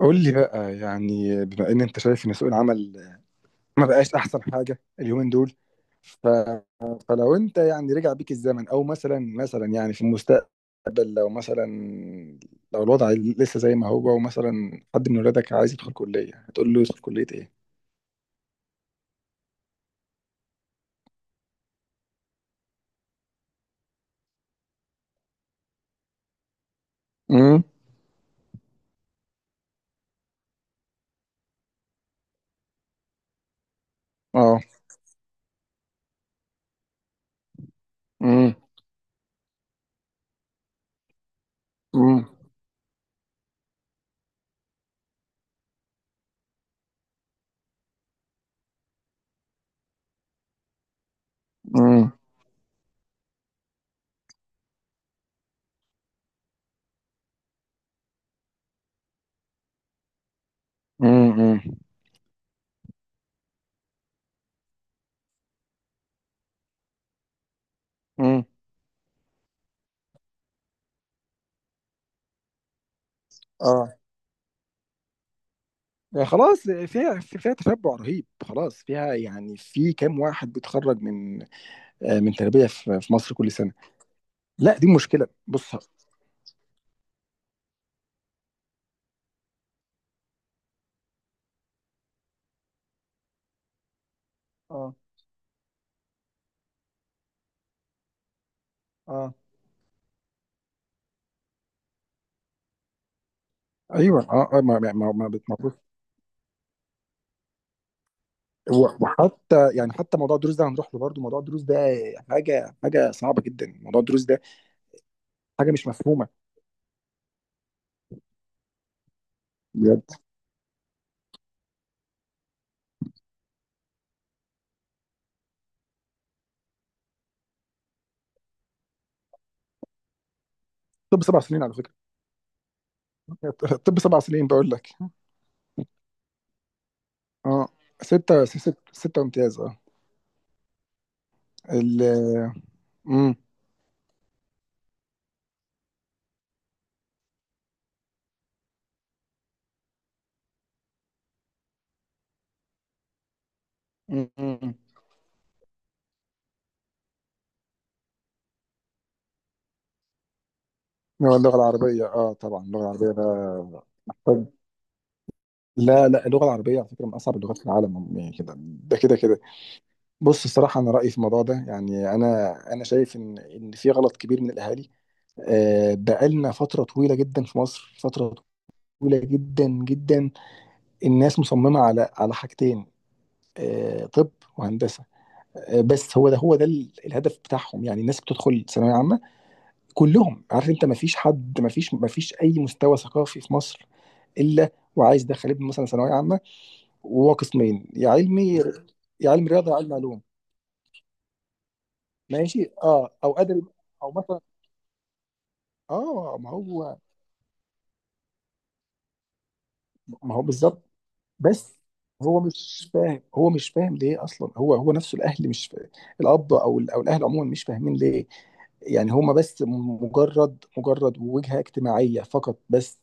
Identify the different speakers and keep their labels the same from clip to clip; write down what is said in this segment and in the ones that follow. Speaker 1: قول لي بقى، يعني بما ان انت شايف ان سوق العمل ما بقاش احسن حاجه اليومين دول. ف... فلو انت يعني رجع بيك الزمن او مثلا يعني في المستقبل، لو مثلا، لو الوضع لسه زي ما هو ومثلا حد من ولادك عايز يدخل كليه، هتقول له يدخل كليه ايه؟ امم. اه. امم. امم. امم. امم. امم. اه. يعني خلاص فيها، تشبع رهيب، خلاص فيها، يعني في كام واحد بيتخرج من من تربيه في مصر كل سنه. لا، دي مشكله، بص. اه. اه. ايوه. اه. ما بتمرش. وحتى يعني موضوع الدروس ده هنروح له برضه. موضوع الدروس ده حاجه صعبه جدا، موضوع الدروس ده حاجه مش مفهومه. بجد. طب سبع سنين على فكره. طب سبع سنين بقول لك. اه. ستة امتياز. اه. ال امم م- اللغة العربية. اه، طبعا اللغة العربية ده محتاج. لا لا، اللغة العربية على فكرة من أصعب اللغات في العالم، يعني كده، ده كده. بص، الصراحة أنا رأيي في الموضوع ده، يعني أنا شايف إن في غلط كبير من الأهالي. بقالنا فترة طويلة جدا في مصر، فترة طويلة جدا جدا، الناس مصممة على حاجتين: طب وهندسة. بس هو ده الهدف بتاعهم. يعني الناس بتدخل ثانوية عامة كلهم، عارف أنت، ما فيش حد، ما فيش أي مستوى ثقافي في مصر إلا وعايز يدخل ابنه مثلا ثانوية عامة. وهو قسمين: يا علمي، يا علم رياضة يا علم علوم. ماشي، اه، او ادبي، او مثلا. اه، ما هو بالظبط. بس هو مش فاهم ليه اصلا. هو نفسه الاهل مش فاهم. الاب او او الاهل عموما مش فاهمين ليه. يعني هما بس مجرد وجهة اجتماعية فقط بس.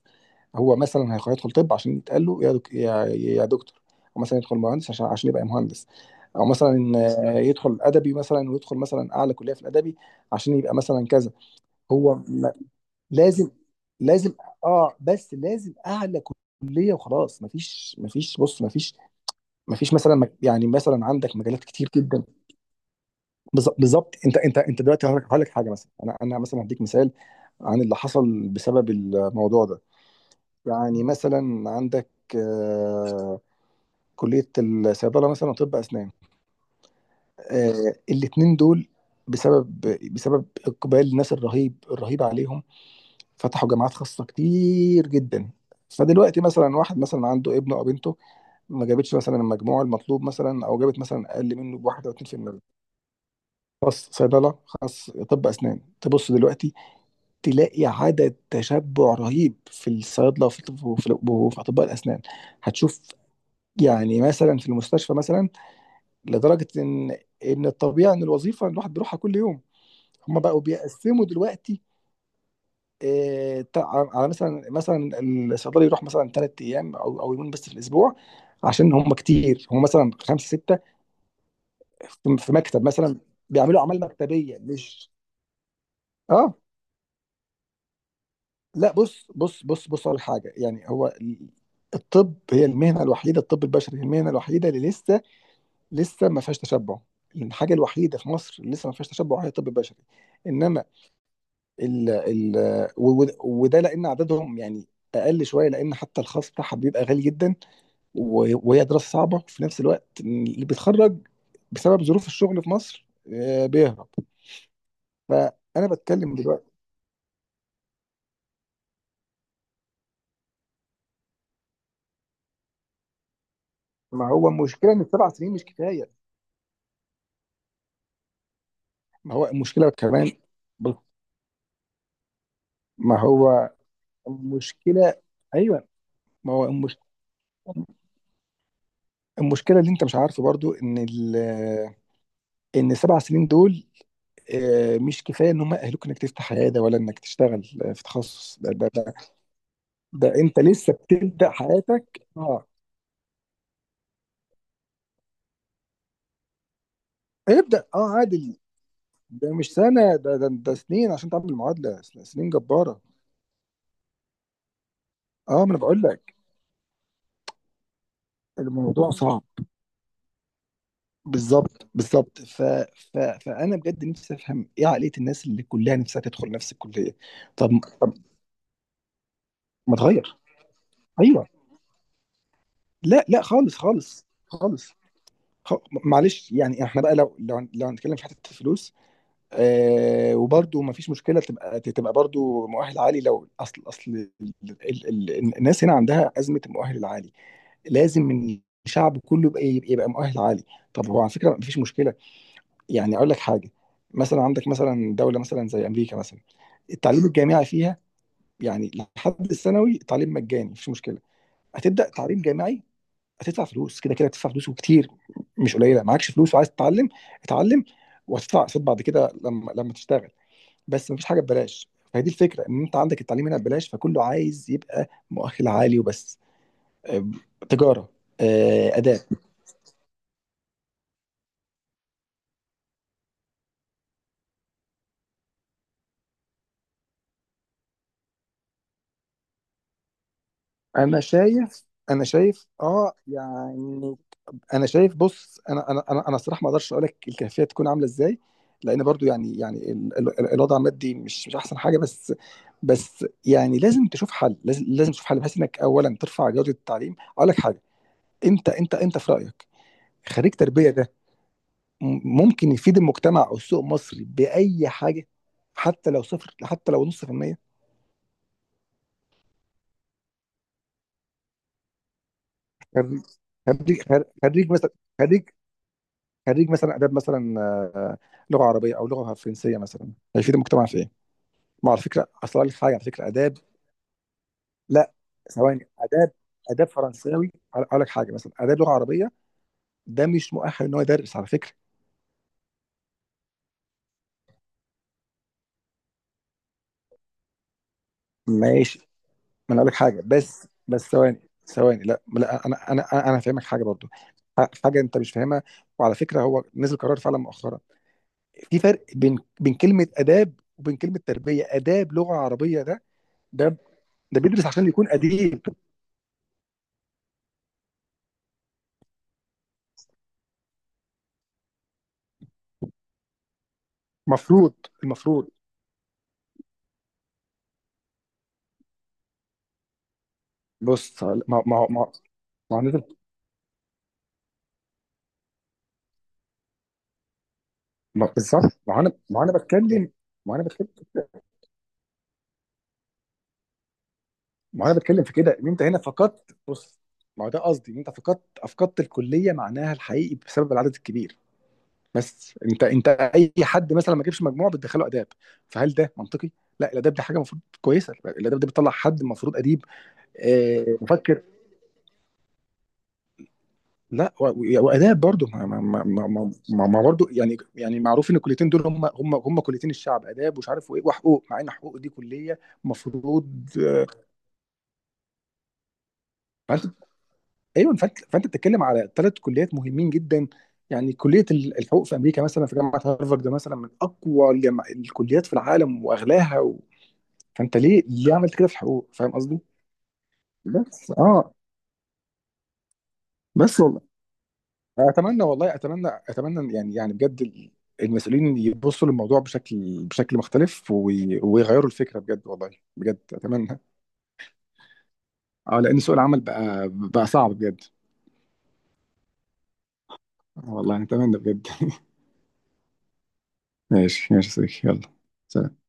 Speaker 1: هو مثلا هيدخل طب عشان يتقال له يا دك... يا يا دكتور. او مثلا يدخل مهندس عشان يبقى مهندس. او مثلا، يدخل ادبي مثلا، ويدخل مثلا اعلى كليه في الادبي عشان يبقى مثلا كذا. هو لازم لازم، اه، بس لازم اعلى كليه وخلاص. مفيش، بص، مفيش مثلا، يعني مثلا عندك مجالات كتير جدا. بالظبط. انت دلوقتي، هقول لك حاجه، مثلا انا مثلا هديك مثال عن اللي حصل بسبب الموضوع ده. يعني مثلا عندك، آه، كليه الصيدله مثلا وطب اسنان، الاتنين دول، بسبب بسبب اقبال الناس الرهيب الرهيب عليهم، فتحوا جامعات خاصة كتير جدا. فدلوقتي مثلا واحد مثلا عنده ابنه او بنته، ما جابتش مثلا المجموع المطلوب، مثلا، او جابت مثلا اقل منه بواحد او 2%، خاص صيدله، خاص طب اسنان. تبص دلوقتي تلاقي عدد تشبع رهيب في الصيادله، وفي اطباء الاسنان، هتشوف. يعني مثلا في المستشفى مثلا، لدرجه ان الطبيعي ان الوظيفه الواحد بيروحها كل يوم، هم بقوا بيقسموا دلوقتي. على مثلا، الصيدلي يروح مثلا ثلاث ايام او يومين بس في الاسبوع، عشان هم كتير، هم مثلا خمسه سته في مكتب مثلا، بيعملوا اعمال مكتبيه، مش، اه. لا، بص على حاجه. يعني هو الطب هي المهنه الوحيده، الطب البشري هي المهنه الوحيده اللي لسه ما فيهاش تشبع. الحاجه الوحيده في مصر اللي لسه ما فيهاش تشبع هي الطب البشري، انما ال ال وده لان عددهم يعني اقل شويه، لان حتى الخاص بتاعها بيبقى غالي جدا. وهي دراسة صعبة، وفي نفس الوقت اللي بيتخرج بسبب ظروف الشغل في مصر، بيهرب. فأنا بتكلم دلوقتي. ما هو المشكلة إن السبع سنين مش كفاية. ما هو المشكلة كمان، بص، ما هو المشكلة. أيوه، ما هو المشكلة. المشكلة اللي أنت مش عارفه برضو إن إن السبع سنين دول مش كفاية إن هم يأهلوك إنك تفتح عيادة، ولا إنك تشتغل في تخصص ده. ده أنت لسه بتبدأ حياتك، أه، ابدأ، أه، عادي. ده مش سنة، ده سنين عشان تعمل معادلة سنين جبارة. اه، ما انا بقول لك، الموضوع صعب. بالظبط. فانا بجد نفسي افهم ايه عقلية الناس اللي كلها نفسها تدخل نفس الكلية. طب. طب، ما تغير؟ ايوه. لا لا، خالص خالص خالص. خ... معلش، يعني احنا بقى، لو هنتكلم في حتة الفلوس، آه، وبرده ما فيش مشكلة تبقى برده مؤهل عالي، لو اصل الناس هنا عندها أزمة المؤهل العالي. لازم إن الشعب كله يبقى مؤهل عالي. طب هو على فكره مفيش مشكله، يعني اقول لك حاجه، مثلا عندك مثلا دوله مثلا زي امريكا مثلا، التعليم الجامعي فيها، يعني لحد الثانوي تعليم مجاني، مفيش مشكله. هتبدا تعليم جامعي، هتدفع فلوس كده كده، هتدفع فلوس وكتير، مش قليله. معكش فلوس وعايز تتعلم؟ اتعلم، وهتدفع قسط بعد كده لما تشتغل. بس مفيش حاجه ببلاش. فهي دي الفكره، ان انت عندك التعليم هنا ببلاش، فكله عايز يبقى مؤهل عالي وبس. أم، تجاره، اداب. انا شايف انا شايف، يعني انا شايف، بص، انا الصراحه ما اقدرش اقول لك الكيفيه تكون عامله ازاي، لان برضو يعني، الوضع المادي مش احسن حاجه، بس. بس يعني لازم تشوف حل، لازم تشوف حل بحيث انك اولا ترفع جوده التعليم. اقول لك حاجه، انت في رايك، خريج تربيه ده ممكن يفيد المجتمع او السوق المصري باي حاجه؟ حتى لو صفر، حتى لو نص في المية. خريج مثلا، خريج خريج مثلا اداب مثلا، لغه عربيه او لغه فرنسيه، مثلا هيفيد المجتمع في ايه؟ ما هو على فكره، اصل أقول لك حاجه، على فكره اداب. لا، ثواني، اداب. اداب فرنساوي، اقول لك حاجه، مثلا اداب لغه عربيه، ده مش مؤهل ان هو يدرس، على فكره. ماشي. ما انا اقول لك حاجه، بس ثواني ثواني. لا لا، انا انا انا أنا هفهمك حاجه برضو، حاجه انت مش فاهمها. وعلى فكره هو نزل قرار فعلا مؤخرا. في فرق بين كلمه اداب وبين كلمه تربيه. اداب لغه عربيه ده، ده ده بيدرس عشان يكون اديب. مفروض. المفروض، بص ما، ما انا، ما، بالظبط. ما انا ما انا بتكلم بتكلم في كده، ان انت هنا فقدت، بص، ما هو ده قصدي، ان انت افقدت الكليه معناها الحقيقي بسبب العدد الكبير. بس انت اي حد مثلا ما جابش مجموع بتدخله اداب، فهل ده منطقي؟ لا، الاداب دي حاجه المفروض كويسه، الاداب دي بتطلع حد المفروض اديب، مفكر. لا. واداب برضو، ما برضو يعني، معروف ان الكليتين دول هم، كليتين الشعب، اداب ومش عارف وايه وحقوق، مع ان حقوق دي كليه مفروض. فانت. ايوه، فانت بتتكلم على ثلاث كليات مهمين جدا. يعني كليه الحقوق في امريكا مثلا، في جامعه هارفارد، ده مثلا من اقوى الكليات في العالم واغلاها، فانت ليه عملت كده في الحقوق؟ فاهم قصدي؟ بس اه. بس والله اتمنى، والله اتمنى يعني، بجد المسؤولين يبصوا للموضوع بشكل مختلف، ويغيروا الفكره بجد والله. بجد اتمنى. اه، لان سوق العمل بقى صعب بجد. آه والله اتمنى بجد. ماشي. ماشي يا صديقي، يلا، سلام.